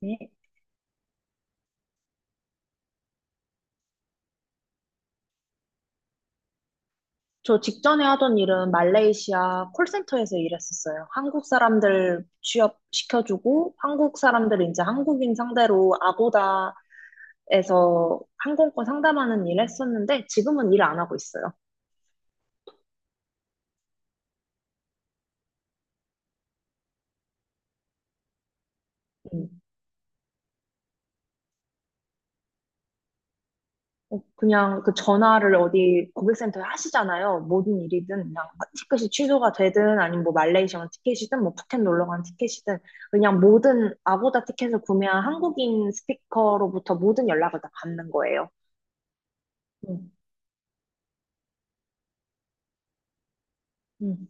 네. 저 직전에 하던 일은 말레이시아 콜센터에서 일했었어요. 한국 사람들 취업시켜주고, 한국 사람들 이제 한국인 상대로 아고다에서 항공권 상담하는 일 했었는데, 지금은 일 안 하고 있어요. 음. 그냥 그 전화를 어디 고객센터에 하시잖아요. 모든 일이든, 그냥 티켓이 취소가 되든, 아니면 뭐 말레이시아 티켓이든, 뭐 푸켓 놀러 간 티켓이든, 그냥 모든 아고다 티켓을 구매한 한국인 스피커로부터 모든 연락을 다 받는 거예요. 음. 음,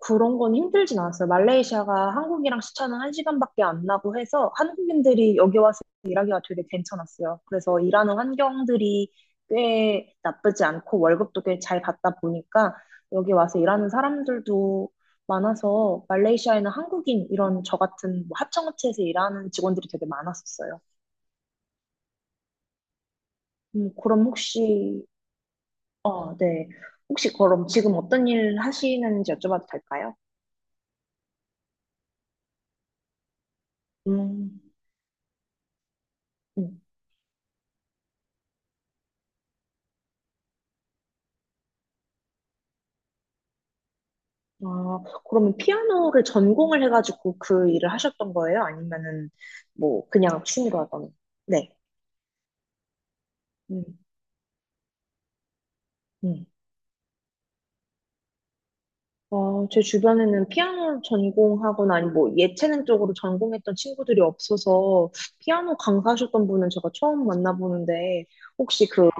그런 건 힘들진 않았어요. 말레이시아가 한국이랑 시차는 한시간밖에안 나고 해서 한국인들이 여기 와서 일하기가 되게 괜찮았어요. 그래서 일하는 환경들이 꽤 나쁘지 않고 월급도 꽤 잘 받다 보니까 여기 와서 일하는 사람들도 많아서 말레이시아에는 한국인 이런 저 같은 뭐 하청업체에서 일하는 직원들이 되게 많았었어요. 그럼 혹시, 네. 혹시 그럼 지금 어떤 일 하시는지 여쭤봐도 될까요? 음, 음. 아, 그러면 피아노를 전공을 해가지고 그 일을 하셨던 거예요? 아니면은 뭐 그냥 취미로 하던? 네. 음, 음. 제 주변에는 피아노 전공하거나 아니 뭐 예체능 쪽으로 전공했던 친구들이 없어서 피아노 강사하셨던 분은 제가 처음 만나보는데 혹시 그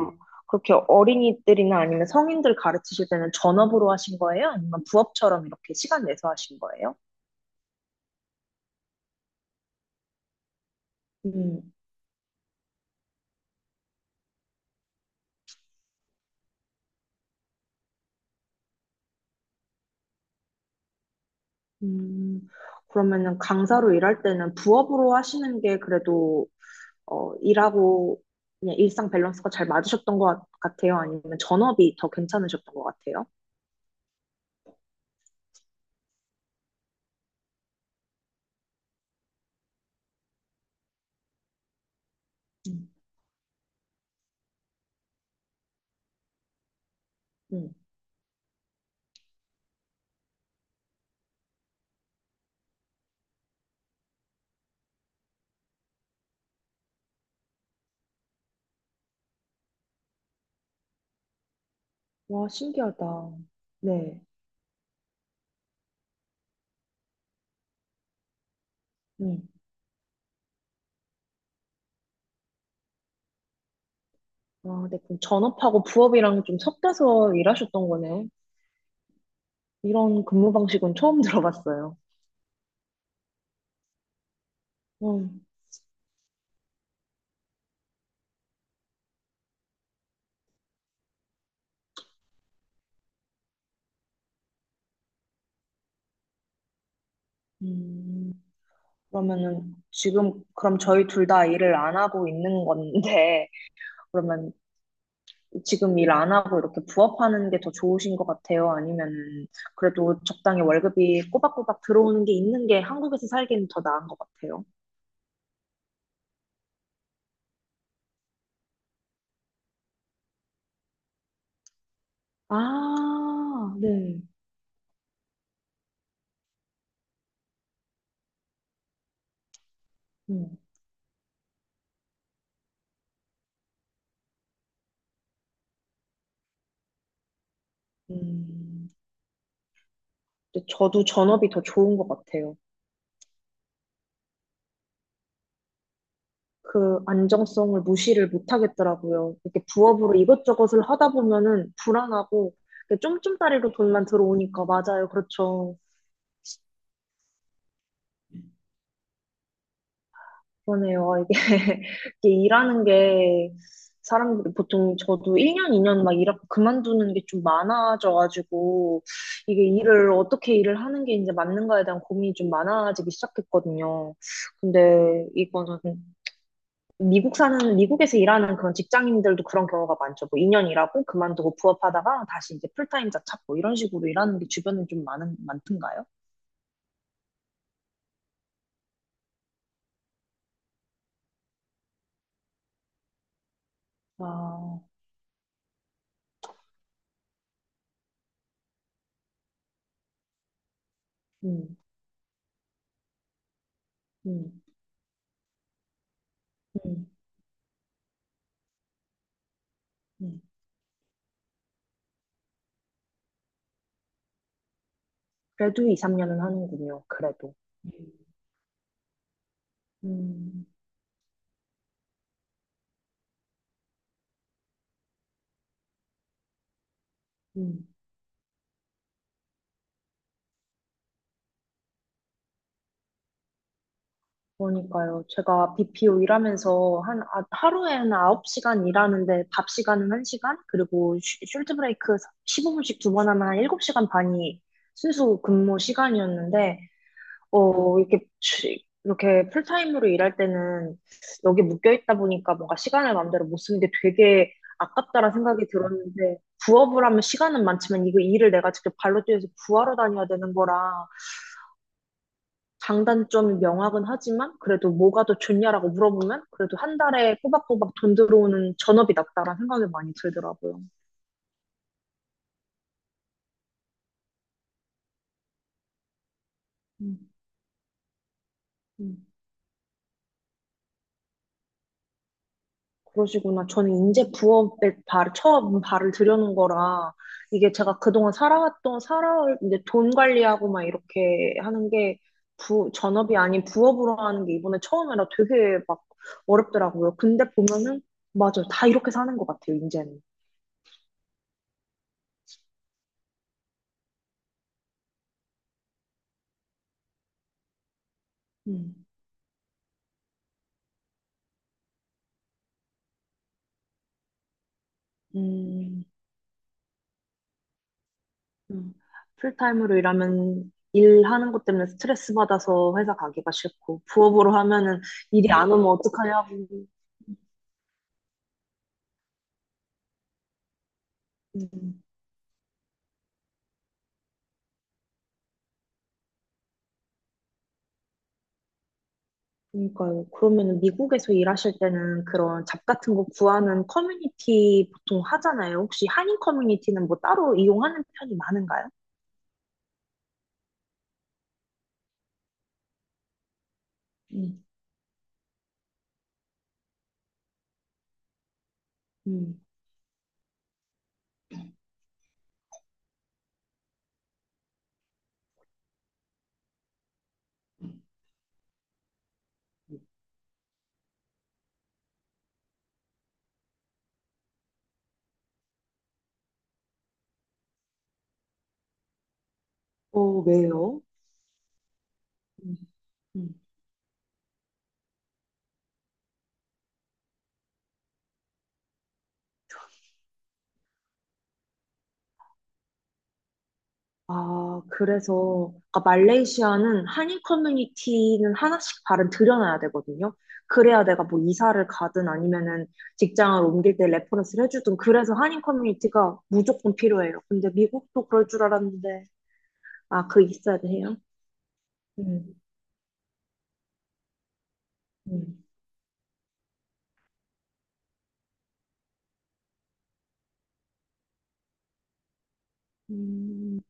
그렇게 어린이들이나 아니면 성인들 가르치실 때는 전업으로 하신 거예요? 아니면 부업처럼 이렇게 시간 내서 하신 거예요? 음. 음, 그러면은 강사로 일할 때는 부업으로 하시는 게 그래도 일하고 그냥 일상 밸런스가 잘 맞으셨던 것 같아요? 아니면 전업이 더 괜찮으셨던 것 같아요? 음, 음. 와, 신기하다. 네. 음. 아 네. 그럼 전업하고 부업이랑 좀 섞여서 일하셨던 거네. 이런 근무 방식은 처음 들어봤어요. 음. 음. 그러면은 지금 그럼 저희 둘 다 일을 안 하고 있는 건데 그러면 지금 일 안 하고 이렇게 부업하는 게 더 좋으신 것 같아요? 아니면 그래도 적당히 월급이 꼬박꼬박 들어오는 게 있는 게 한국에서 살기는 더 나은 것 같아요? 아, 네. 음, 음. 근데 저도 전업이 더 좋은 것 같아요. 그 안정성을 무시를 못 하겠더라고요. 이렇게 부업으로 이것저것을 하다 보면은 불안하고 쫌쫌따리로 돈만 들어오니까 맞아요. 그렇죠. 그러네요. 아, 이게, 이게 일하는 게 사람들이 보통 저도 1년, 2년 막 일하고 그만두는 게 좀 많아져가지고 이게 일을 어떻게 일을 하는 게 이제 맞는가에 대한 고민이 좀 많아지기 시작했거든요. 근데 이거는 미국 사는, 미국에서 일하는 그런 직장인들도 그런 경우가 많죠. 뭐 2년 일하고 그만두고 부업하다가 다시 이제 풀타임자 찾고 이런 식으로 일하는 게 주변에 좀 많은, 많던가요? 아, 음, 음, 음, 음. 그래도 2, 3년은 하는군요. 그래도. 음, 음. 그러니까요. 제가 BPO 일하면서 하루에 한 9시간 일하는데 밥 시간은 1시간, 그리고 숄트 브레이크 15분씩 두 번 하면 한 7시간 반이 순수 근무 시간이었는데, 이렇게, 이렇게 풀타임으로 일할 때는 여기 묶여 있다 보니까 뭔가 시간을 마음대로 못 쓰는 게 되게 아깝다라는 생각이 들었는데, 부업을 하면 시간은 많지만 이거 일을 내가 직접 발로 뛰어서 구하러 다녀야 되는 거라 장단점이 명확은 하지만 그래도 뭐가 더 좋냐라고 물어보면 그래도 한 달에 꼬박꼬박 돈 들어오는 전업이 낫다라는 생각이 많이 들더라고요. 음, 그러시구나. 저는 이제 부업에 발, 처음 발을 들여놓은 거라, 이게 제가 그동안 살아왔던, 살아올, 이제 돈 관리하고 막 이렇게 하는 게, 전업이 아닌 부업으로 하는 게 이번에 처음이라 되게 막 어렵더라고요. 근데 보면은, 맞아요. 다 이렇게 사는 것 같아요, 이제는. 음, 음, 음. 풀타임으로 일하면, 일하는 것 때문에 스트레스 받아서 회사 가기가 싫고, 부업으로 하면은 일이 안 오면 어떡하냐고. 음. 그러니까요. 그러면 미국에서 일하실 때는 그런 잡 같은 거 구하는 커뮤니티 보통 하잖아요. 혹시 한인 커뮤니티는 뭐 따로 이용하는 편이 많은가요? 음, 음. 음, 어, 왜요? 음, 음. 아, 그래서 말레이시아는 한인 커뮤니티는 하나씩 발은 들여놔야 되거든요. 그래야 내가 뭐 이사를 가든 아니면은 직장을 옮길 때 레퍼런스를 해주든 그래서 한인 커뮤니티가 무조건 필요해요. 근데 미국도 그럴 줄 알았는데 아, 그 있어야 돼요? 음. 음,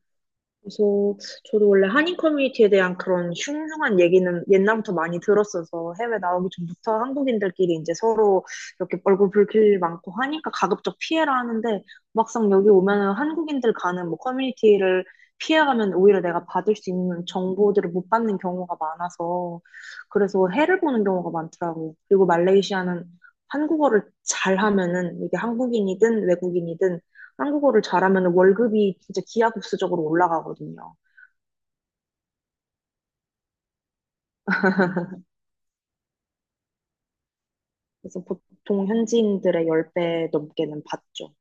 그래서 저도 원래 한인 커뮤니티에 대한 그런 흉흉한 얘기는 옛날부터 많이 들었어서 해외 나오기 전부터 한국인들끼리 이제 서로 이렇게 얼굴 붉힐 일 많고 하니까 가급적 피해라 하는데 막상 여기 오면은 한국인들 가는 뭐 커뮤니티를 피해가면 오히려 내가 받을 수 있는 정보들을 못 받는 경우가 많아서 그래서 해를 보는 경우가 많더라고요. 그리고 말레이시아는 한국어를 잘하면은 이게 한국인이든 외국인이든 한국어를 잘하면 월급이 진짜 기하급수적으로 올라가거든요. 그래서 보통 현지인들의 10배 넘게는 받죠.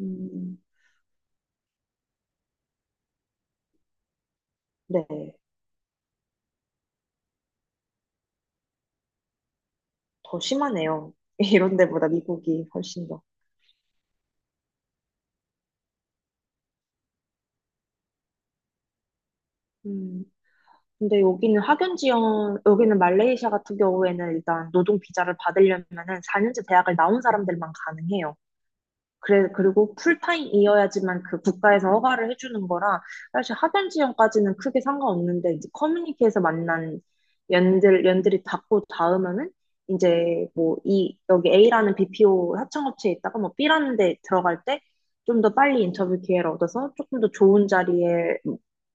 음, 네, 더 심하네요. 이런 데보다 미국이 훨씬 더. 음, 근데 여기는 학연 지원, 여기는 말레이시아 같은 경우에는 일단 노동 비자를 받으려면은 4년제 대학을 나온 사람들만 가능해요. 그래, 그리고 풀타임이어야지만 그 국가에서 허가를 해주는 거라 사실 하던 지형까지는 크게 상관없는데 이제 커뮤니티에서 만난 연들이 닿고 닿으면은 이제 뭐 여기 A라는 BPO 하청업체에 있다가 뭐 B라는 데 들어갈 때 좀 더 빨리 인터뷰 기회를 얻어서 조금 더 좋은 자리에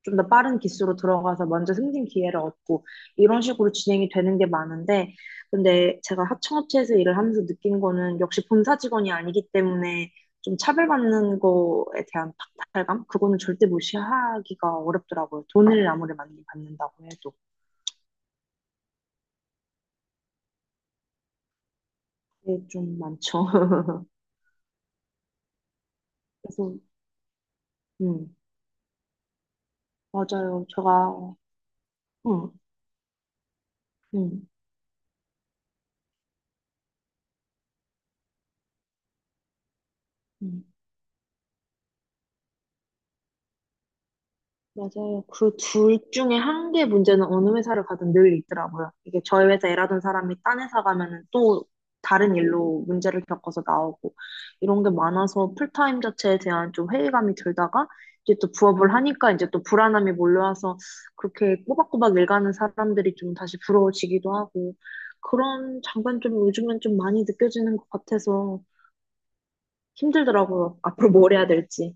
좀 더 빠른 기수로 들어가서 먼저 승진 기회를 얻고 이런 식으로 진행이 되는 게 많은데 근데 제가 하청업체에서 일을 하면서 느낀 거는 역시 본사 직원이 아니기 때문에 좀 차별받는 거에 대한 박탈감? 그거는 절대 무시하기가 어렵더라고요. 돈을 아무리 많이 받는다고 해도. 그게 좀 많죠. 그래서, 음, 맞아요. 제가, 음, 음, 음. 맞아요. 그 둘 중에 한 개 문제는 어느 회사를 가든 늘 있더라고요. 이게 저희 회사 일하던 사람이 딴 회사 가면은 또 다른 일로 문제를 겪어서 나오고 이런 게 많아서 풀타임 자체에 대한 좀 회의감이 들다가 이제 또 부업을 하니까 이제 또 불안함이 몰려와서 그렇게 꼬박꼬박 일가는 사람들이 좀 다시 부러워지기도 하고 그런 장단점이 요즘엔 좀 많이 느껴지는 것 같아서 힘들더라고요. 앞으로 뭘 해야 될지.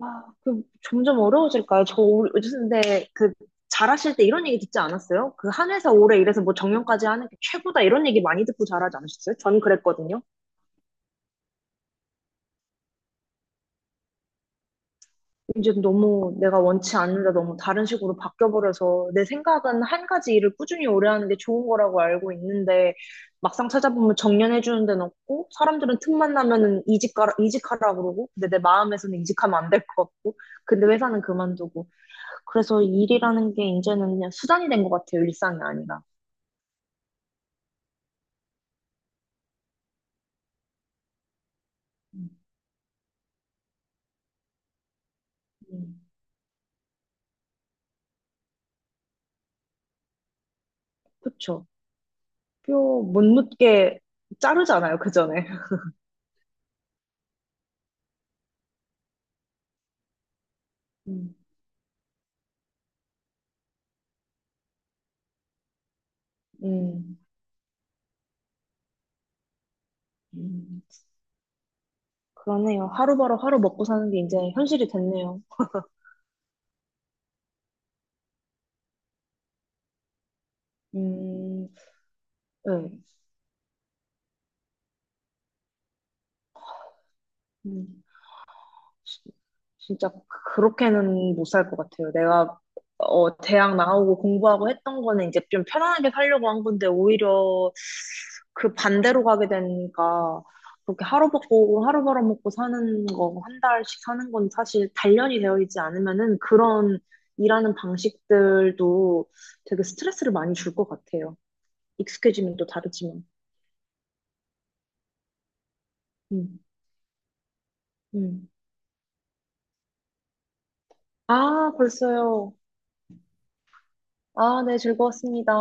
아, 그 점점 어려워질까요? 근데 그 잘하실 때 이런 얘기 듣지 않았어요? 그 한 회사 오래 일해서 뭐 정년까지 하는 게 최고다 이런 얘기 많이 듣고 잘하지 않으셨어요? 저는 그랬거든요. 이제 너무 내가 원치 않는데 너무 다른 식으로 바뀌어버려서 내 생각은 한 가지 일을 꾸준히 오래 하는 게 좋은 거라고 알고 있는데 막상 찾아보면 정년해주는 데는 없고 사람들은 틈만 나면은 이직가라, 이직하라 그러고 근데 내 마음에서는 이직하면 안 될 것 같고 근데 회사는 그만두고 그래서 일이라는 게 이제는 그냥 수단이 된 것 같아요. 일상이 아니라. 음, 음. 그쵸. 뼈 못 묻게 자르잖아요. 그 전에. 음, 음, 음. 그러네요. 하루바로 하루 먹고 사는 게 이제 현실이 됐네요. 음, 네. 음. 시- 진짜 그렇게는 못 살 것 같아요. 내가 대학 나오고 공부하고 했던 거는 이제 좀 편안하게 살려고 한 건데 오히려 그 반대로 가게 되니까 그렇게 하루 먹고 하루 벌어먹고 사는 거 한 달씩 사는 건 사실 단련이 되어 있지 않으면은 그런 일하는 방식들도 되게 스트레스를 많이 줄 것 같아요. 익숙해지면 또 다르지만. 음, 음. 아, 벌써요. 아, 네, 즐거웠습니다.